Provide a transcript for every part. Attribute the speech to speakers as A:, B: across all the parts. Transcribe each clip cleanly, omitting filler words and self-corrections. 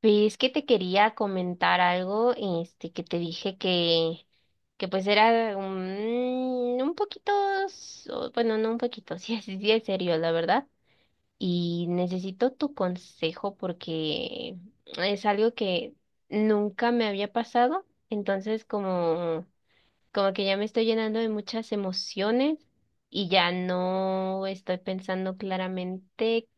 A: Pues que te quería comentar algo, que te dije que, que pues era un poquito, bueno, no un poquito, sí, sí es serio, la verdad. Y necesito tu consejo porque es algo que nunca me había pasado, entonces como, como que ya me estoy llenando de muchas emociones y ya no estoy pensando claramente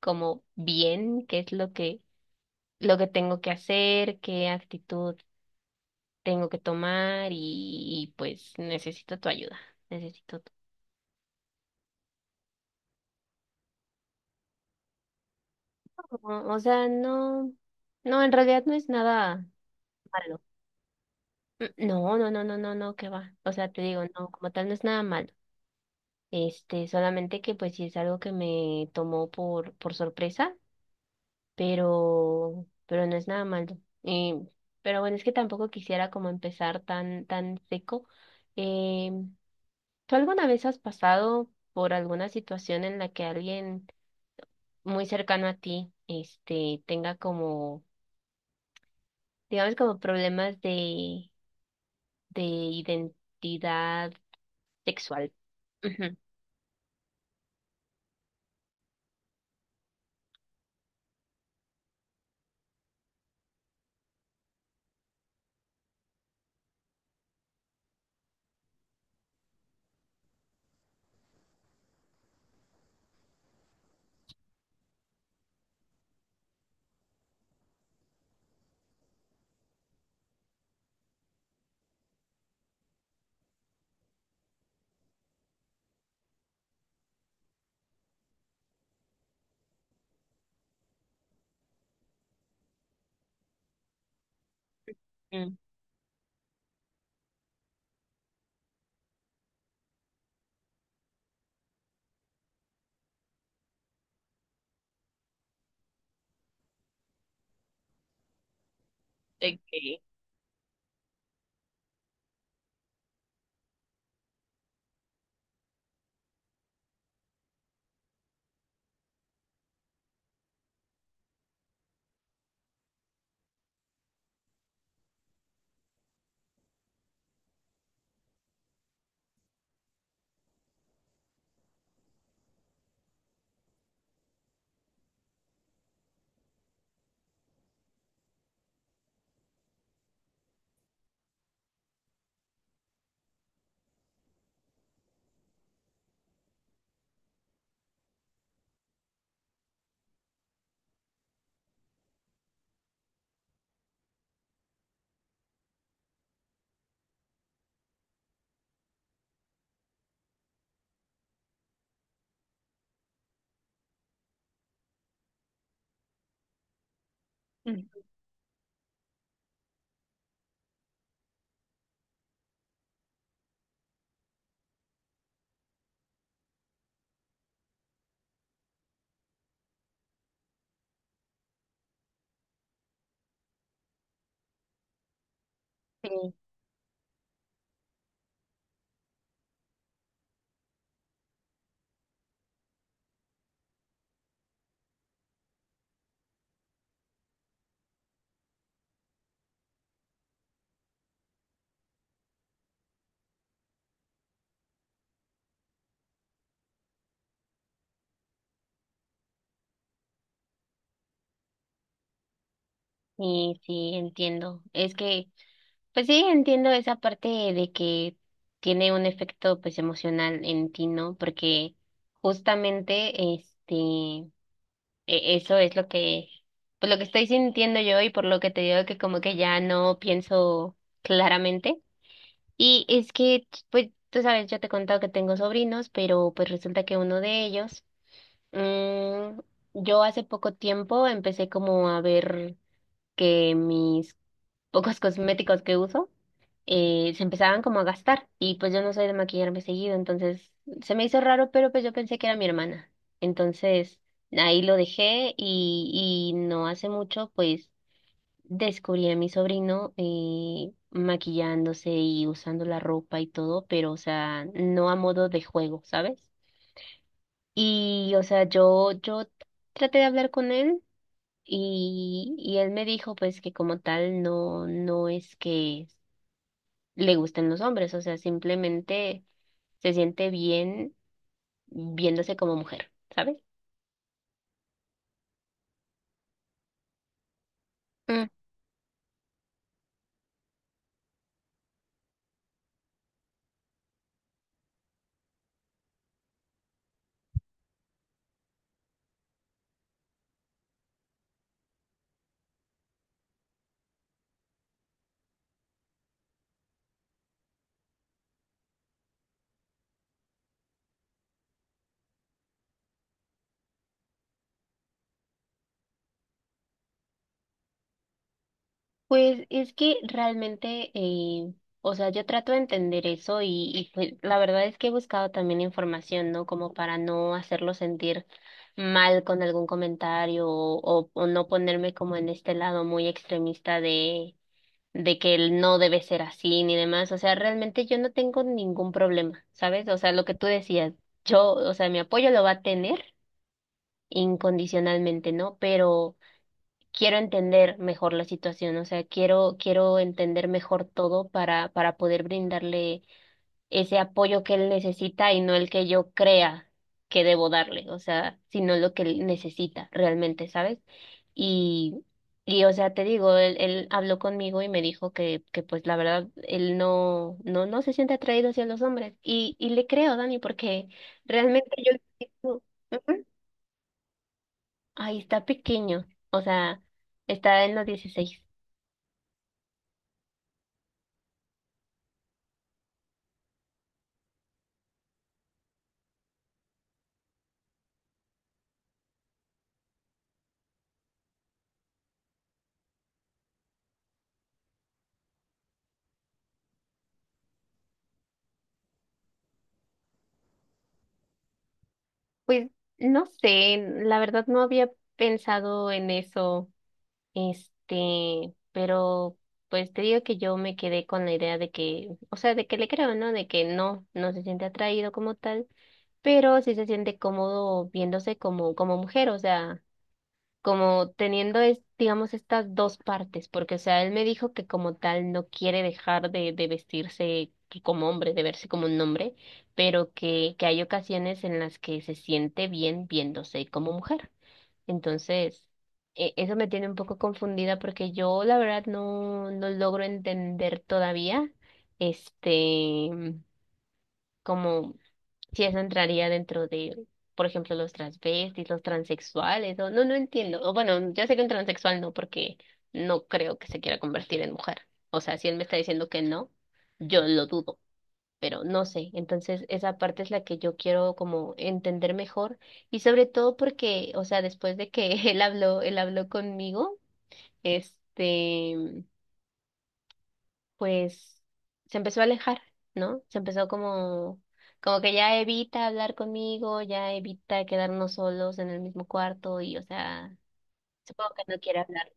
A: como bien qué es lo que tengo que hacer, qué actitud tengo que tomar y pues necesito tu ayuda, necesito tu... O sea, no, no, en realidad no es nada malo. No, no, no, no, no, no, qué va. O sea, te digo, no, como tal no es nada malo. Este, solamente que pues sí es algo que me tomó por sorpresa, pero no es nada malo. Y, pero bueno, es que tampoco quisiera como empezar tan seco. eh, ¿Tú alguna vez has pasado por alguna situación en la que alguien muy cercano a ti, este, tenga como, digamos, como problemas de identidad sexual? Ujú. Mm, ok. Mm. Sí, sí, sí, entiendo. Es que, pues sí, entiendo esa parte de que tiene un efecto, pues, emocional en ti, ¿no? Porque justamente, este eso es lo que, pues lo que estoy sintiendo yo y por lo que te digo que como que ya no pienso claramente. Y es que, pues, tú sabes, yo te he contado que tengo sobrinos, pero pues resulta que uno de ellos, mm, yo hace poco tiempo empecé como a ver que mis pocos cosméticos que uso, se empezaban como a gastar y pues yo no soy de maquillarme seguido, entonces se me hizo raro, pero pues yo pensé que era mi hermana. Entonces ahí lo dejé y no hace mucho pues descubrí a mi sobrino maquillándose y usando la ropa y todo, pero o sea, no a modo de juego, ¿sabes? Y o sea, yo traté de hablar con él. Y él me dijo pues que como tal no, no es que le gusten los hombres, o sea, simplemente se siente bien viéndose como mujer, ¿sabes? Mm, Pues es que realmente, o sea, yo trato de entender eso y pues la verdad es que he buscado también información, ¿no? Como para no hacerlo sentir mal con algún comentario o, o no ponerme como en este lado muy extremista de que él no debe ser así ni demás. O sea, realmente yo no tengo ningún problema, ¿sabes? O sea, lo que tú decías, yo, o sea, mi apoyo lo va a tener incondicionalmente, ¿no? Pero quiero entender mejor la situación, o sea, quiero entender mejor todo para poder brindarle ese apoyo que él necesita y no el que yo crea que debo darle, o sea, sino lo que él necesita realmente, ¿sabes? Y, y o sea, te digo, él habló conmigo y me dijo que pues la verdad, él no, no, no se siente atraído hacia los hombres. Y le creo, Dani, porque realmente yo... Ujú. Ay, está pequeño, o sea, está en los 16. Pues no sé, la verdad no había pensado en eso. Este, pero pues te digo que yo me quedé con la idea de que, o sea, de que le creo, ¿no? De que no, no se siente atraído como tal, pero sí se siente cómodo viéndose como, como mujer, o sea como teniendo, es, digamos, estas dos partes, porque, o sea, él me dijo que como tal no quiere dejar de vestirse que como hombre, de verse como un hombre, pero que hay ocasiones en las que se siente bien viéndose como mujer. Entonces, eso me tiene un poco confundida porque yo, la verdad, no, no logro entender todavía, este, como si eso entraría dentro de, por ejemplo, los transvestis, los transexuales, o no, no entiendo. O bueno, ya sé que un transexual no, porque no creo que se quiera convertir en mujer. O sea, si él me está diciendo que no, yo lo dudo, pero no sé. Entonces, esa parte es la que yo quiero como entender mejor y sobre todo porque, o sea, después de que él habló conmigo, este pues se empezó a alejar, ¿no? Se empezó como, como que ya evita hablar conmigo, ya evita quedarnos solos en el mismo cuarto y, o sea, supongo que no quiere hablar.